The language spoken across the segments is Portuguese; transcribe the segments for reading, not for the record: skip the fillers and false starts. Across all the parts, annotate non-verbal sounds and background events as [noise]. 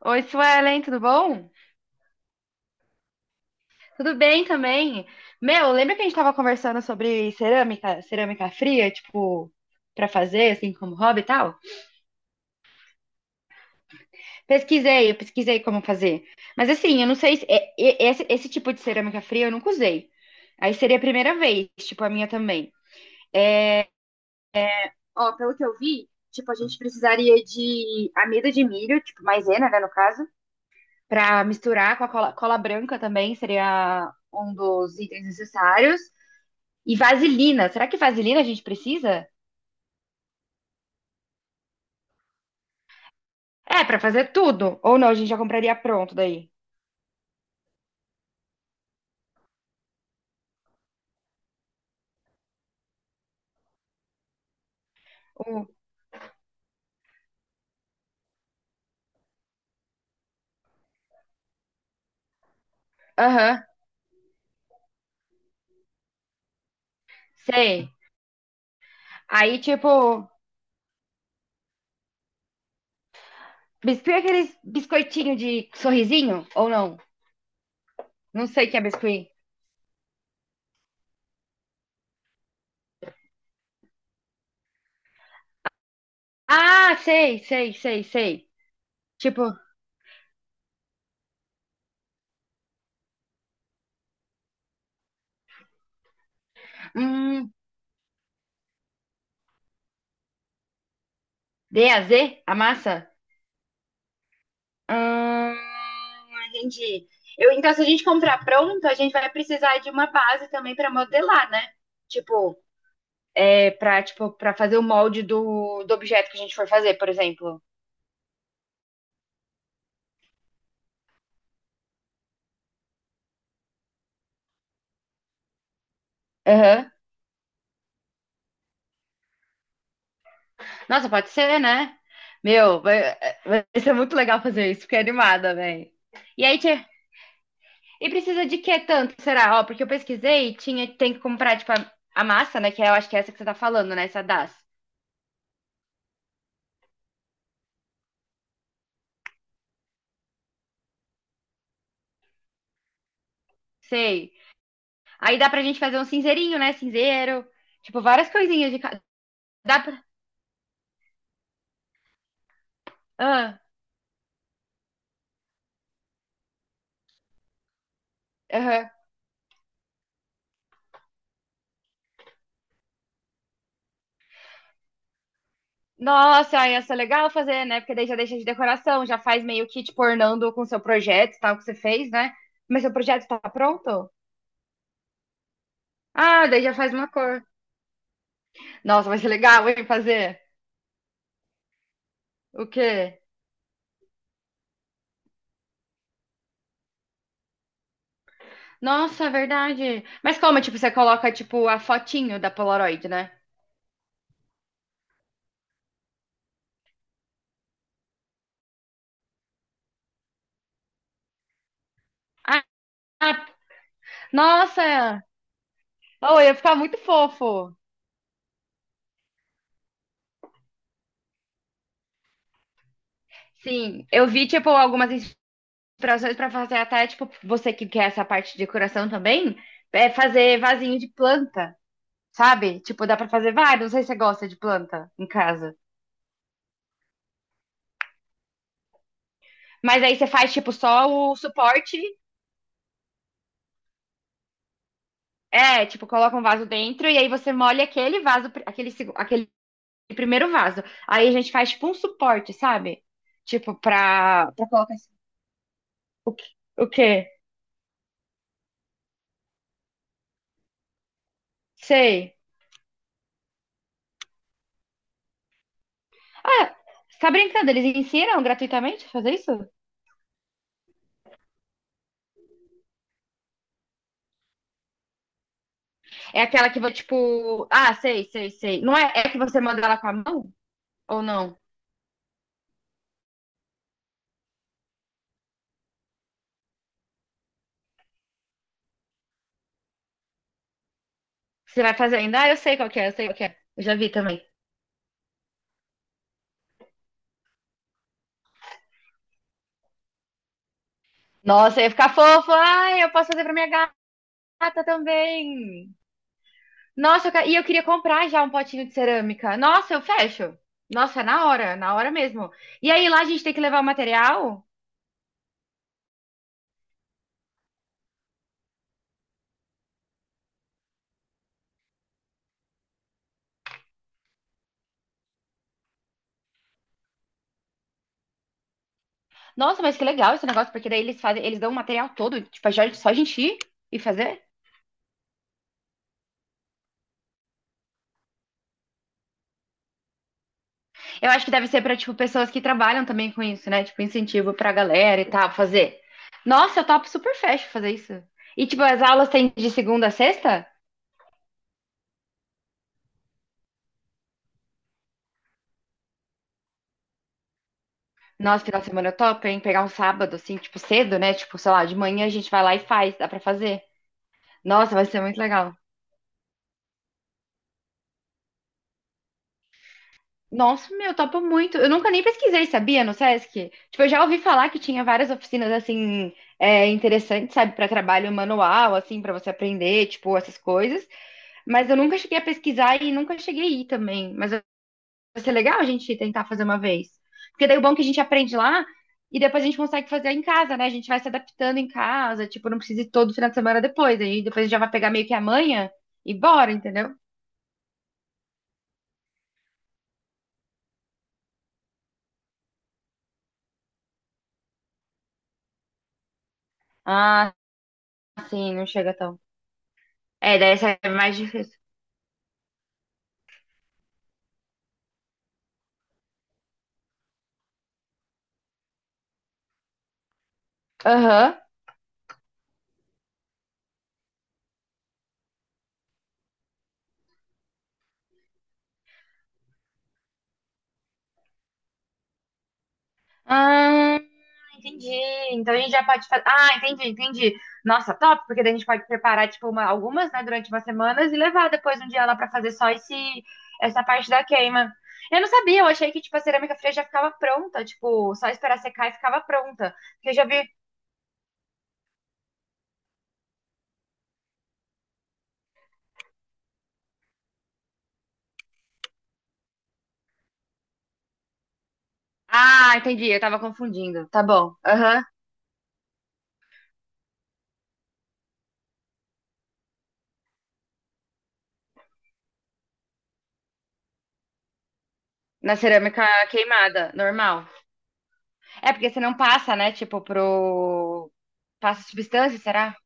Oi, Suelen, tudo bom? Tudo bem também. Meu, lembra que a gente tava conversando sobre cerâmica, cerâmica fria, tipo, pra fazer, assim, como hobby e tal? Eu pesquisei como fazer. Mas assim, eu não sei se esse tipo de cerâmica fria eu nunca usei. Aí seria a primeira vez, tipo, a minha também. Ó, pelo que eu vi, tipo, a gente precisaria de amido de milho, tipo, maisena, né, no caso, pra misturar com a cola, cola branca também, seria um dos itens necessários. E vaselina. Será que vaselina a gente precisa? É, pra fazer tudo. Ou não, a gente já compraria pronto daí. O- Aham, sei. Aí, tipo, biscuit é aqueles biscoitinho de sorrisinho? Ou não? Não sei o que é biscuit. Ah, sei, sei, sei, sei. Tipo, hum, DAZ, a massa? Hum, entendi. Eu, então, se a gente comprar pronto, a gente vai precisar de uma base também pra modelar, né? Tipo, é pra, tipo, pra fazer o molde do objeto que a gente for fazer, por exemplo. Aham. Nossa, pode ser, né? Meu, vai ser muito legal fazer isso, fiquei animada, velho. E aí, e precisa de que tanto, será? Ó, porque eu pesquisei, tinha, tem que comprar, tipo, a massa, né? Que eu acho que é essa que você tá falando, né? Essa das. Sei. Aí dá pra gente fazer um cinzeirinho, né? Cinzeiro. Tipo, várias coisinhas de cada. Dá pra. Ah, aham. Nossa, aí ia ser legal fazer, né? Porque daí já deixa de decoração, já faz meio que tipo ornando com seu projeto, tal, que você fez, né? Mas seu projeto tá pronto? Ah, daí já faz uma cor. Nossa, vai ser legal, hein, fazer. O quê? Nossa, é verdade. Mas como, tipo, você coloca, tipo, a fotinho da Polaroid, né? Ah, ah, nossa! Oh, ia ficar muito fofo. Sim, eu vi, tipo, algumas inspirações pra fazer até, tipo, você que quer essa parte de decoração também, é fazer vasinho de planta. Sabe? Tipo, dá pra fazer vários, não sei se você gosta de planta em casa. Mas aí você faz, tipo, só o suporte, é, tipo, coloca um vaso dentro e aí você molha aquele vaso, aquele, aquele primeiro vaso. Aí a gente faz, tipo, um suporte, sabe? Tipo, pra colocar... O quê? O quê? Sei. Ah, você tá brincando? Eles ensinam gratuitamente a fazer isso? É aquela que, vai, tipo... Ah, sei, sei, sei. Não é, é que você manda ela com a mão? Ou não? Você vai fazer ainda? Ah, eu sei qual que é, eu sei qual que é. Eu já vi também. Nossa, eu ia ficar fofo. Ai, eu posso fazer pra minha gata também. Nossa, eu e eu queria comprar já um potinho de cerâmica. Nossa, eu fecho. Nossa, é na hora mesmo. E aí lá a gente tem que levar o material. Nossa, mas que legal esse negócio, porque daí eles fazem, eles dão o material todo, tipo, é só a gente ir e fazer. Eu acho que deve ser pra, tipo, pessoas que trabalham também com isso, né? Tipo, incentivo pra galera e tal, fazer. Nossa, eu topo super fecho fazer isso. E, tipo, as aulas têm de segunda a sexta? Nossa, final de semana top, hein? Pegar um sábado, assim, tipo, cedo, né? Tipo, sei lá, de manhã a gente vai lá e faz, dá pra fazer. Nossa, vai ser muito legal. Nossa, meu, topo muito. Eu nunca nem pesquisei, sabia, no Sesc? Tipo, eu já ouvi falar que tinha várias oficinas, assim, é, interessantes, sabe, pra trabalho manual, assim, pra você aprender, tipo, essas coisas. Mas eu nunca cheguei a pesquisar e nunca cheguei a ir também. Mas vai ser legal a gente tentar fazer uma vez. Porque daí o bom é que a gente aprende lá e depois a gente consegue fazer em casa, né? A gente vai se adaptando em casa, tipo, não precisa ir todo final de semana depois. Aí depois a gente já vai pegar meio que amanhã e bora, entendeu? Ah, sim, não chega tão. É, daí essa é mais difícil. Aham. Ah, entendi. Então a gente já pode fazer. Ah, entendi, entendi. Nossa, top, porque daí a gente pode preparar, tipo, uma- algumas, né, durante umas semanas e levar depois um dia lá pra fazer só esse, essa parte da queima. Eu não sabia, eu achei que, tipo, a cerâmica fria já ficava pronta, tipo, só esperar secar e ficava pronta. Porque eu já vi. Ah, entendi, eu tava confundindo. Tá bom. Aham. Na cerâmica queimada, normal. É, porque você não passa, né, tipo, pro. Passa substância, será?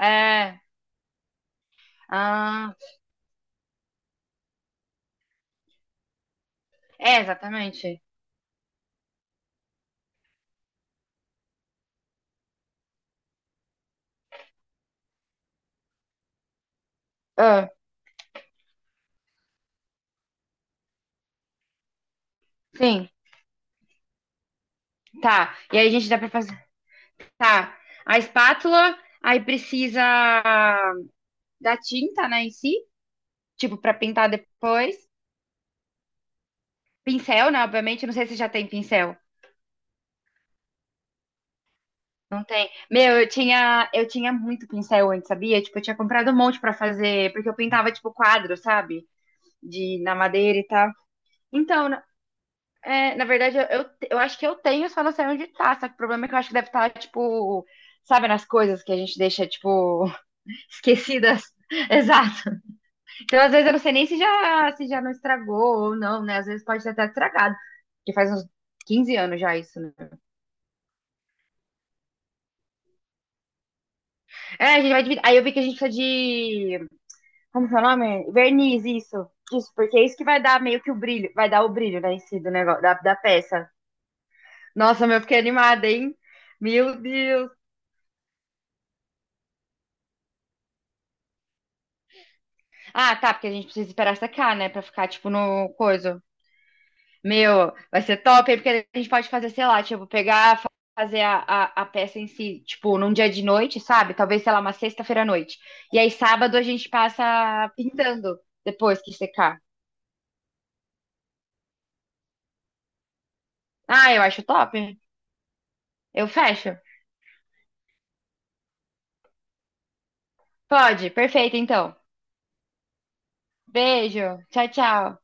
É. Ah, é, exatamente. Ah, sim. Tá. E aí a gente dá pra fazer. Tá. A espátula, aí precisa da tinta, né, em si, tipo, pra pintar depois. Pincel, né, obviamente. Eu não sei se já tem pincel. Não tem. Meu, eu tinha muito pincel antes, sabia? Tipo, eu tinha comprado um monte pra fazer, porque eu pintava, tipo, quadro, sabe? De, na madeira e tal. Então, é, na verdade, eu acho que eu tenho, só não sei onde tá. Só que o problema é que eu acho que deve estar, tipo, sabe, nas coisas que a gente deixa, tipo, [laughs] esquecidas. [laughs] exato Então, às vezes, eu não sei nem se já não estragou ou não, né? Às vezes pode ter até estragado. Porque faz uns 15 anos já isso, né? É, a gente vai dividir. Aí eu vi que a gente precisa de. Como que é o nome? Verniz, isso. Isso, porque é isso que vai dar meio que o brilho. Vai dar o brilho, né? Em si do negócio, da peça. Nossa, meu, eu fiquei animada, hein? Meu Deus. Ah, tá, porque a gente precisa esperar secar, né? Pra ficar, tipo, no coisa. Meu, vai ser top, hein? Porque a gente pode fazer, sei lá, tipo, pegar, fazer a peça em si, tipo, num dia de noite, sabe? Talvez, sei lá, uma sexta-feira à noite. E aí, sábado, a gente passa pintando depois que secar. Ah, eu acho top. Eu fecho. Pode, perfeito, então. Beijo. Tchau, tchau.